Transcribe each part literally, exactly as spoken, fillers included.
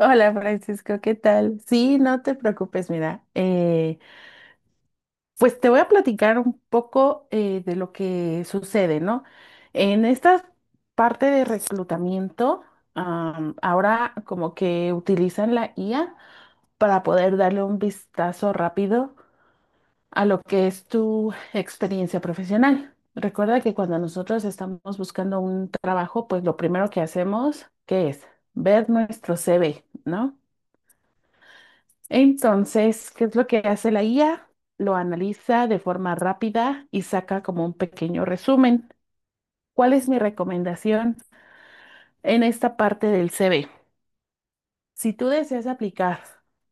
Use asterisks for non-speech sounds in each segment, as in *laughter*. Hola Francisco, ¿qué tal? Sí, no te preocupes, mira, eh, pues te voy a platicar un poco eh, de lo que sucede, ¿no? En esta parte de reclutamiento, am, ahora como que utilizan la I A para poder darle un vistazo rápido a lo que es tu experiencia profesional. Recuerda que cuando nosotros estamos buscando un trabajo, pues lo primero que hacemos, ¿qué es? Ver nuestro C V, ¿no? Entonces, ¿qué es lo que hace la I A? Lo analiza de forma rápida y saca como un pequeño resumen. ¿Cuál es mi recomendación en esta parte del C V? Si tú deseas aplicar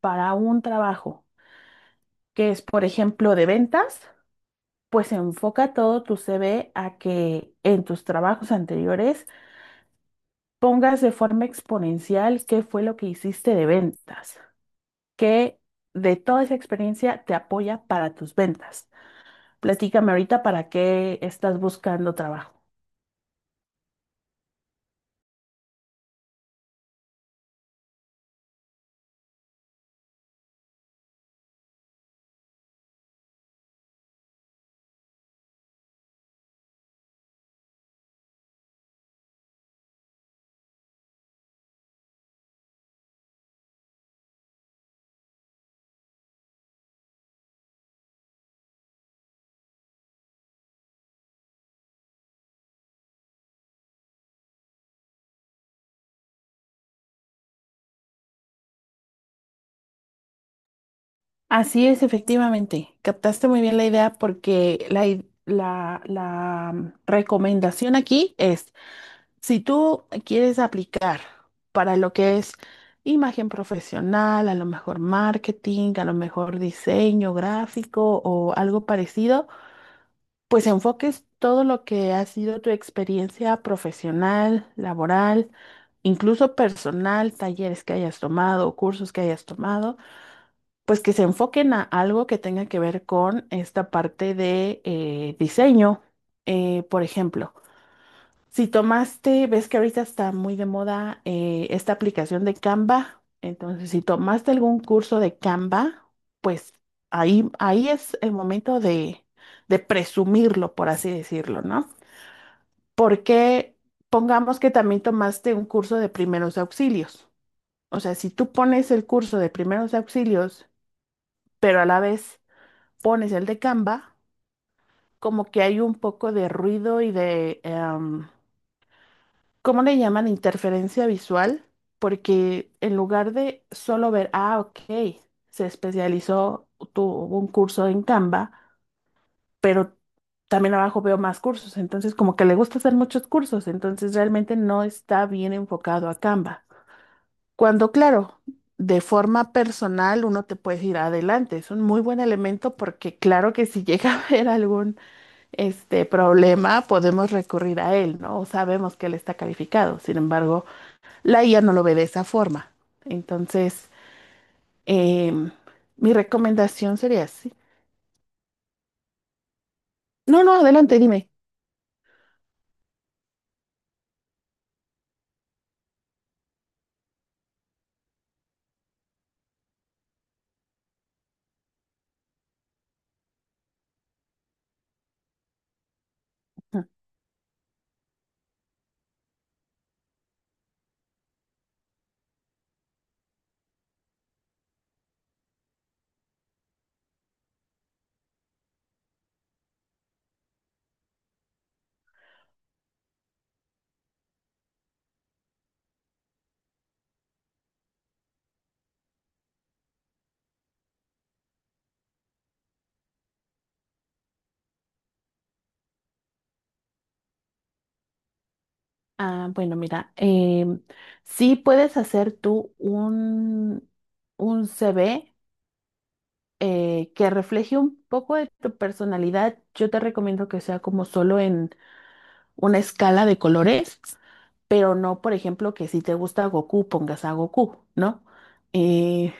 para un trabajo que es, por ejemplo, de ventas, pues enfoca todo tu C V a que en tus trabajos anteriores pongas de forma exponencial qué fue lo que hiciste de ventas, que de toda esa experiencia te apoya para tus ventas. Platícame ahorita para qué estás buscando trabajo. Así es, efectivamente. Captaste muy bien la idea porque la, i- la, la mm, recomendación aquí es, si tú quieres aplicar para lo que es imagen profesional, a lo mejor marketing, a lo mejor diseño gráfico o algo parecido, pues enfoques todo lo que ha sido tu experiencia profesional, laboral, incluso personal, talleres que hayas tomado, cursos que hayas tomado, pues que se enfoquen a algo que tenga que ver con esta parte de eh, diseño. Eh, por ejemplo, si tomaste, ves que ahorita está muy de moda eh, esta aplicación de Canva. Entonces, si tomaste algún curso de Canva, pues ahí, ahí es el momento de, de presumirlo, por así decirlo, ¿no? Porque pongamos que también tomaste un curso de primeros auxilios. O sea, si tú pones el curso de primeros auxilios, pero a la vez pones el de Canva, como que hay un poco de ruido y de... em, ¿Cómo le llaman interferencia visual? Porque en lugar de solo ver, ah, ok, se especializó, tuvo un curso en Canva, pero también abajo veo más cursos, entonces como que le gusta hacer muchos cursos, entonces realmente no está bien enfocado a Canva. Cuando, claro, de forma personal uno te puede ir adelante, es un muy buen elemento porque claro que si *laughs* llega a haber algún este problema, podemos recurrir a él, ¿no? O sabemos que él está calificado. Sin embargo, la I A no lo ve de esa forma. Entonces, em, mi recomendación sería así. No, no, adelante, dime. Ah, bueno, mira, em, sí puedes hacer tú un, un C V eh, que refleje un poco de tu personalidad. Yo te recomiendo que sea como solo en una escala de colores, pero no, por ejemplo, que si te gusta Goku, pongas a Goku, ¿no? Eh,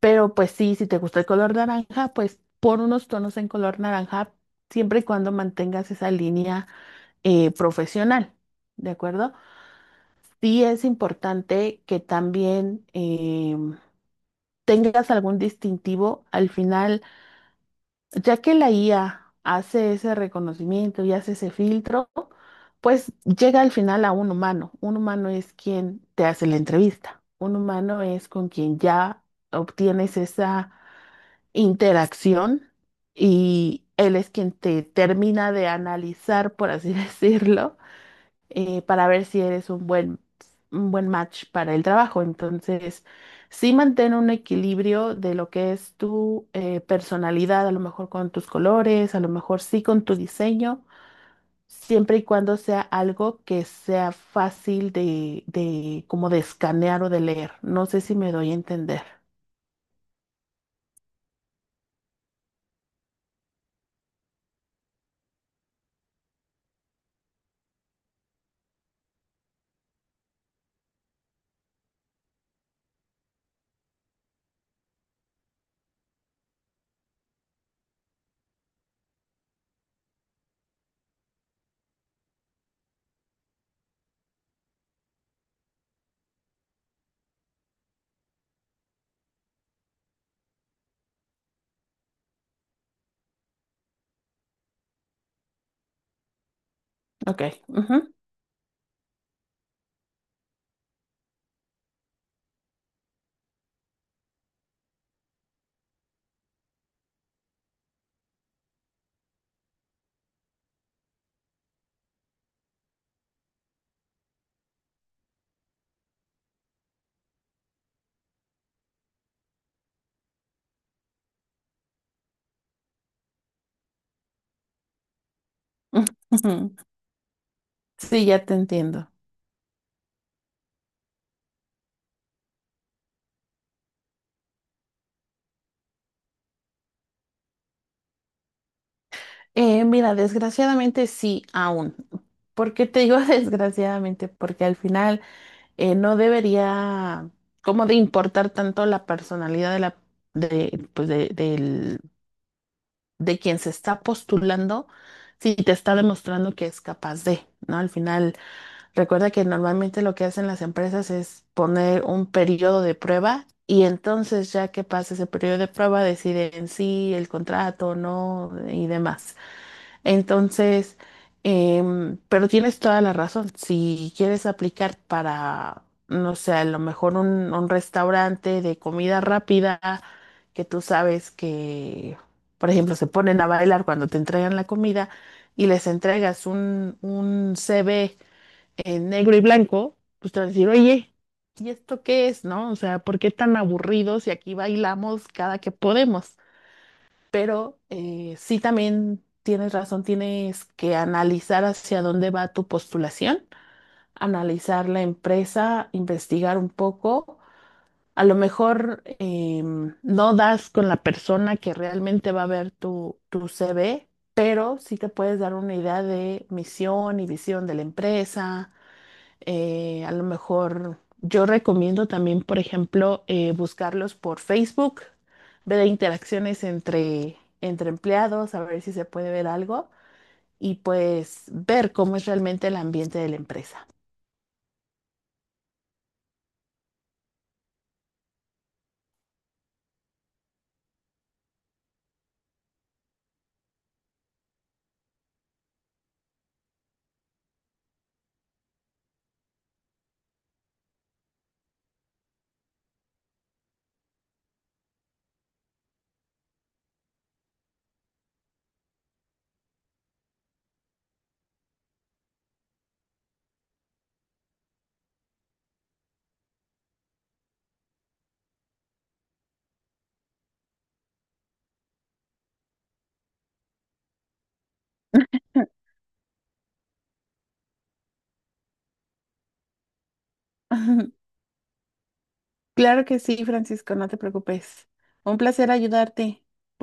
Pero pues sí, si te gusta el color naranja, pues pon unos tonos en color naranja siempre y cuando mantengas esa línea eh, profesional, ¿de acuerdo? Sí es importante que también eh, tengas algún distintivo al final, ya que la I A hace ese reconocimiento y hace ese filtro, pues llega al final a un humano. Un humano es quien te hace la entrevista. Un humano es con quien ya obtienes esa interacción y él es quien te termina de analizar, por así *laughs* decirlo, eh, para ver si eres un buen, un buen match para el trabajo. Entonces, sí mantén un equilibrio de lo que es tu eh, personalidad, a lo mejor con tus colores, a lo mejor sí con tu diseño. Siempre y cuando sea algo que sea fácil de, de como de escanear o de leer. No sé si me doy a entender. Ok. Ujú. *laughs* Sí, ya te entiendo. Eh, mira, desgraciadamente sí, aún. ¿Por qué te digo *laughs* desgraciadamente? Porque al final eh, no debería como de importar tanto la personalidad de la de, pues de, del- de quien se está postulando si te está demostrando que es capaz de, ¿no? Al final, recuerda que normalmente lo que hacen las empresas es poner un periodo de prueba y entonces ya que pasa ese periodo de prueba deciden si el contrato, o no y demás. Entonces, em, pero tienes toda la razón. Si quieres aplicar para, no sé, a lo mejor un, un restaurante de comida rápida que tú sabes que, por ejemplo, se ponen a bailar cuando te entregan la comida y les entregas un, un C V en negro y blanco, pues te van a decir, oye, ¿y esto qué es, no? O sea, ¿por qué tan aburridos si aquí bailamos cada que podemos? Pero eh, sí también tienes razón, tienes que analizar hacia dónde va tu postulación, analizar la empresa, investigar un poco. A lo mejor em, no das con la persona que realmente va a ver tu, tu C V, pero sí te puedes dar una idea de misión y visión de la empresa, eh, a lo mejor yo recomiendo también, por ejemplo, eh, buscarlos por Facebook, ver interacciones entre, entre empleados, a ver si se puede ver algo y pues ver cómo es realmente el ambiente de la empresa. *laughs* Claro que sí, Francisco, no te preocupes. Un placer ayudarte.